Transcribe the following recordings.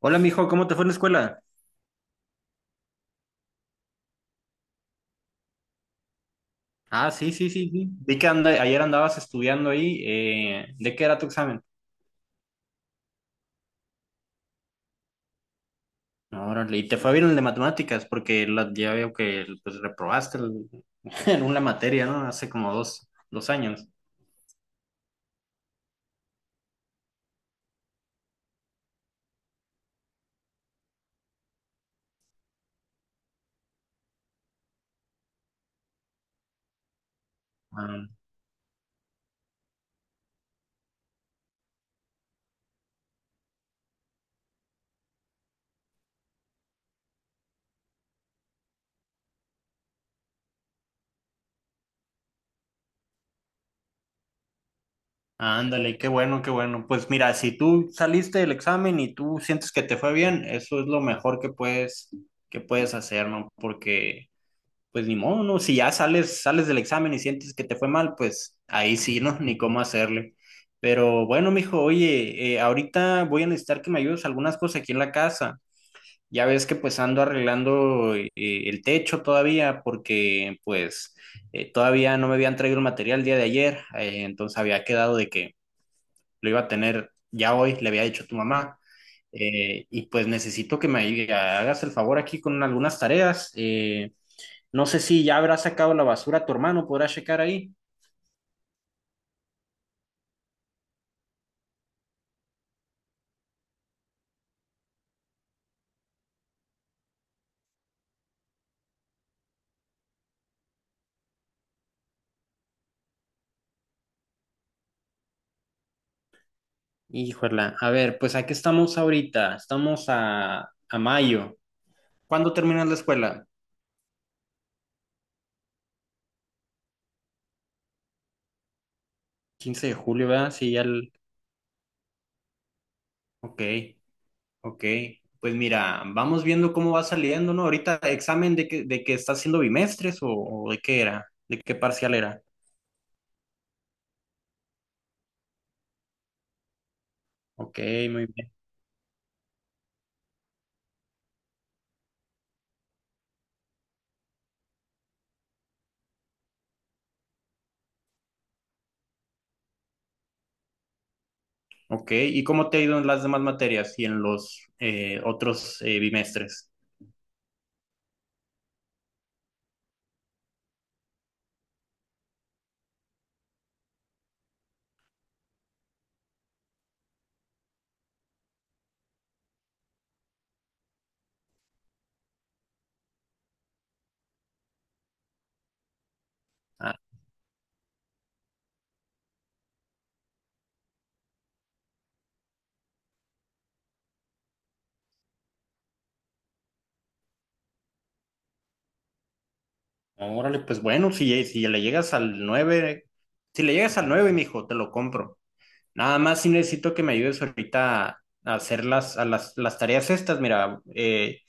Hola, mijo, ¿cómo te fue en la escuela? Ah, sí, sí, sí, sí. Vi que ayer andabas estudiando ahí. ¿De qué era tu examen? Órale, y te fue bien el de matemáticas, porque ya veo que pues, reprobaste en una materia, ¿no? Hace como dos años. Ah, ándale, qué bueno, qué bueno. Pues mira, si tú saliste del examen y tú sientes que te fue bien, eso es lo mejor que puedes hacer, ¿no? Porque pues ni modo, ¿no? Si ya sales del examen y sientes que te fue mal, pues ahí sí, ¿no? Ni cómo hacerle. Pero bueno, mijo, oye, ahorita voy a necesitar que me ayudes algunas cosas aquí en la casa. Ya ves que pues ando arreglando el techo todavía porque pues todavía no me habían traído el material el día de ayer, entonces había quedado de que lo iba a tener ya hoy, le había dicho a tu mamá. Y pues necesito que me hagas el favor aquí con algunas tareas. No sé si ya habrá sacado la basura tu hermano, podrá checar ahí. Híjole, a ver, pues aquí estamos ahorita, estamos a mayo. ¿Cuándo terminas la escuela? 15 de julio, ¿verdad? Sí, ya el... Ok, ok. Pues mira, vamos viendo cómo va saliendo, ¿no? Ahorita examen de que está haciendo bimestres o de qué era, de qué parcial era. Ok, muy bien. Ok, ¿y cómo te ha ido en las demás materias y en los otros bimestres? Órale, pues bueno, si le llegas al nueve, si le llegas al nueve, mijo, te lo compro. Nada más si necesito que me ayudes ahorita a hacer las tareas estas. Mira,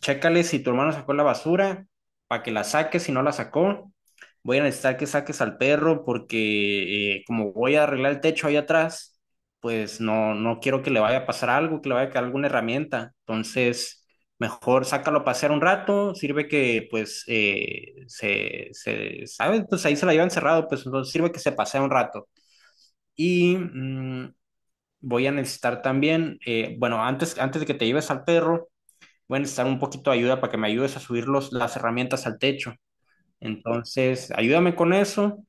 chécale si tu hermano sacó la basura, para que la saques, si no la sacó. Voy a necesitar que saques al perro porque como voy a arreglar el techo ahí atrás, pues no, no quiero que le vaya a pasar algo, que le vaya a caer alguna herramienta. Entonces, mejor sácalo a pasear un rato, sirve que pues ¿sabes? Pues ahí se la lleva encerrado, pues entonces sirve que se pasea un rato. Y voy a necesitar también, bueno, antes de que te lleves al perro voy a necesitar un poquito de ayuda para que me ayudes a subir las herramientas al techo. Entonces, ayúdame con eso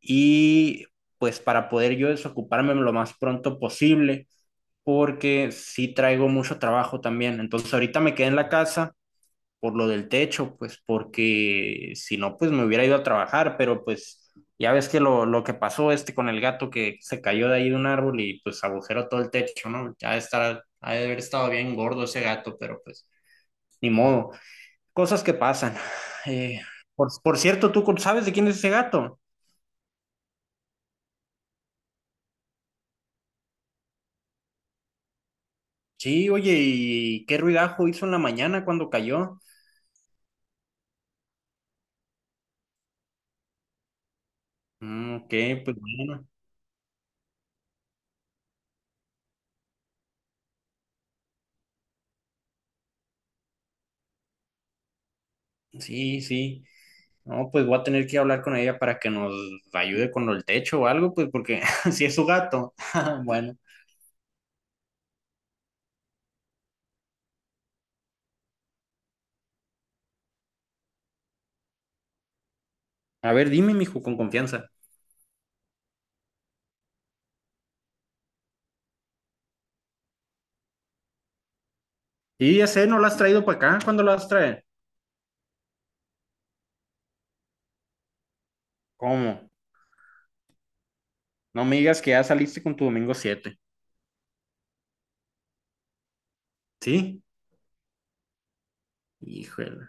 y pues para poder yo desocuparme lo más pronto posible, porque sí traigo mucho trabajo también. Entonces, ahorita me quedé en la casa por lo del techo, pues porque si no, pues me hubiera ido a trabajar, pero pues ya ves que lo que pasó este con el gato que se cayó de ahí de un árbol y pues agujeró todo el techo, ¿no? Ya estará, ha de haber estado bien gordo ese gato, pero pues ni modo. Cosas que pasan. Eh, por cierto, ¿tú sabes de quién es ese gato? Sí, oye, ¿y qué ruidajo hizo en la mañana cuando cayó? Ok, pues bueno, sí, sí. No, pues voy a tener que hablar con ella para que nos ayude con el techo o algo, pues porque si es su gato. Bueno, a ver, dime, mijo, con confianza. Sí, ya sé, ¿no la has traído para acá? ¿Cuándo la vas a traer? ¿Cómo? No me digas que ya saliste con tu domingo siete. ¿Sí? Híjole,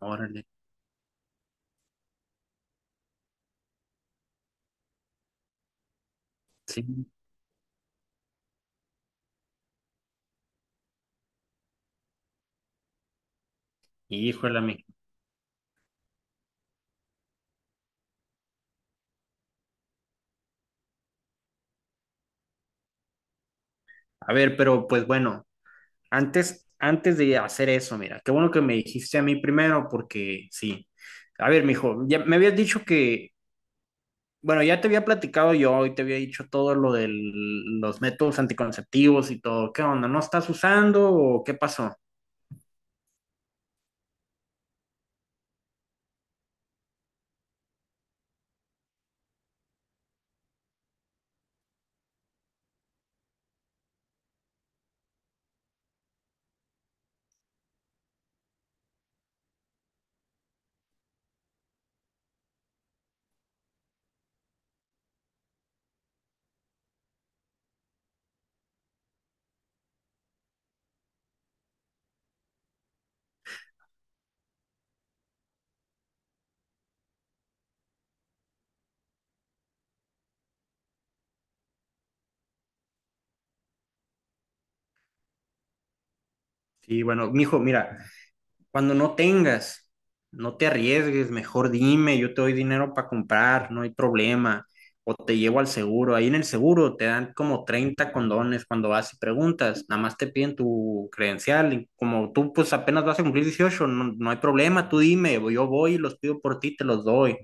órale. Sí, híjole, mijo. A ver, pero pues bueno, antes de hacer eso, mira, qué bueno que me dijiste a mí primero, porque sí. A ver, mijo, ya me habías dicho que, bueno, ya te había platicado yo y te había dicho todo lo de los métodos anticonceptivos y todo. ¿Qué onda? ¿No estás usando o qué pasó? Sí, bueno, mijo, mira, cuando no tengas, no te arriesgues, mejor dime, yo te doy dinero para comprar, no hay problema. O te llevo al seguro. Ahí en el seguro te dan como 30 condones cuando vas y preguntas. Nada más te piden tu credencial. Y como tú pues apenas vas a cumplir 18, no, no hay problema, tú dime, yo voy y los pido por ti, te los doy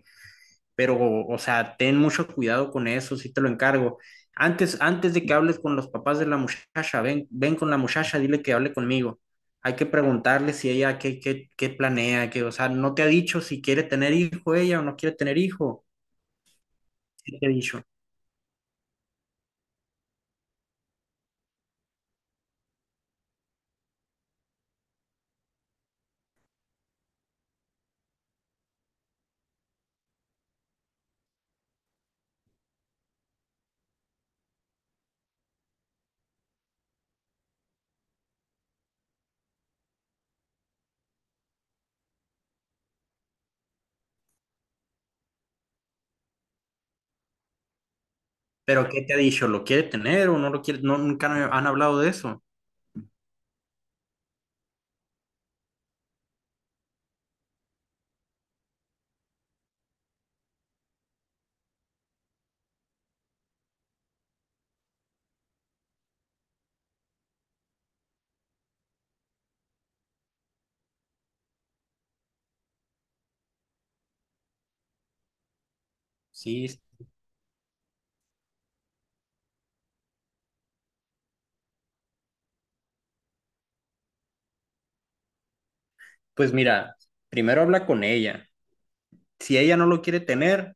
pero, o sea, ten mucho cuidado con eso, sí te lo encargo. Antes de que hables con los papás de la muchacha, ven con la muchacha, dile que hable conmigo. Hay que preguntarle si ella qué planea, que, o sea, no te ha dicho si quiere tener hijo ella o no quiere tener hijo. ¿Qué te ha dicho? Pero ¿qué te ha dicho? ¿Lo quiere tener o no lo quiere? No, nunca han hablado de eso. Sí, pues mira, primero habla con ella. Si ella no lo quiere tener,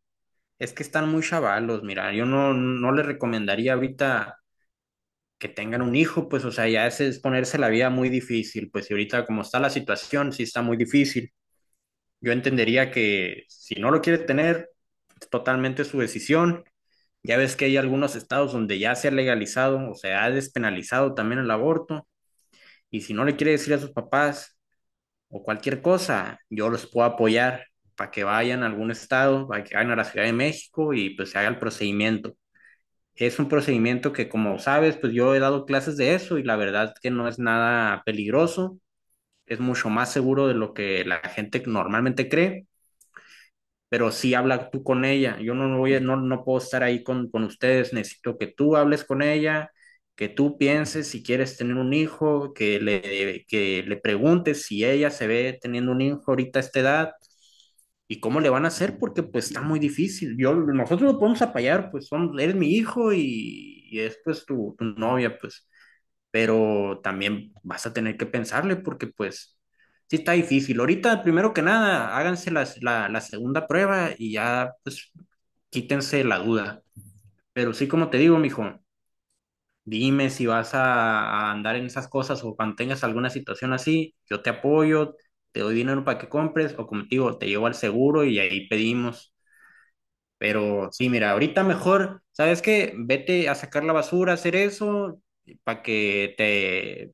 es que están muy chavalos. Mira, yo no le recomendaría ahorita que tengan un hijo, pues, o sea, ya ese es ponerse la vida muy difícil, pues, y ahorita como está la situación, sí está muy difícil. Yo entendería que si no lo quiere tener, es totalmente su decisión. Ya ves que hay algunos estados donde ya se ha legalizado o sea ha despenalizado también el aborto, y si no le quiere decir a sus papás o cualquier cosa, yo los puedo apoyar para que vayan a algún estado, para que vayan a la Ciudad de México y pues se haga el procedimiento. Es un procedimiento que, como sabes, pues yo he dado clases de eso y la verdad que no es nada peligroso, es mucho más seguro de lo que la gente normalmente cree, pero sí habla tú con ella. Yo no voy no puedo estar ahí con ustedes, necesito que tú hables con ella, que tú pienses si quieres tener un hijo, que que le preguntes si ella se ve teniendo un hijo ahorita a esta edad. ¿Y cómo le van a hacer? Porque pues está muy difícil. Yo, nosotros lo podemos apoyar, pues son, eres mi hijo y es pues tu novia, pues. Pero también vas a tener que pensarle porque pues sí está difícil. Ahorita, primero que nada, háganse la segunda prueba y ya pues quítense la duda. Pero sí, como te digo, mijo, dime si vas a andar en esas cosas o cuando tengas alguna situación así, yo te apoyo, te doy dinero para que compres o como te digo, te llevo al seguro y ahí pedimos. Pero sí, mira, ahorita mejor, ¿sabes qué? Vete a sacar la basura, a hacer eso, para que te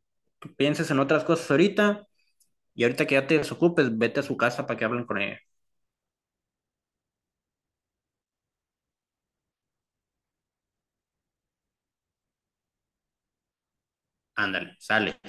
pienses en otras cosas ahorita. Y ahorita que ya te desocupes, vete a su casa para que hablen con ella. Ándale, sale.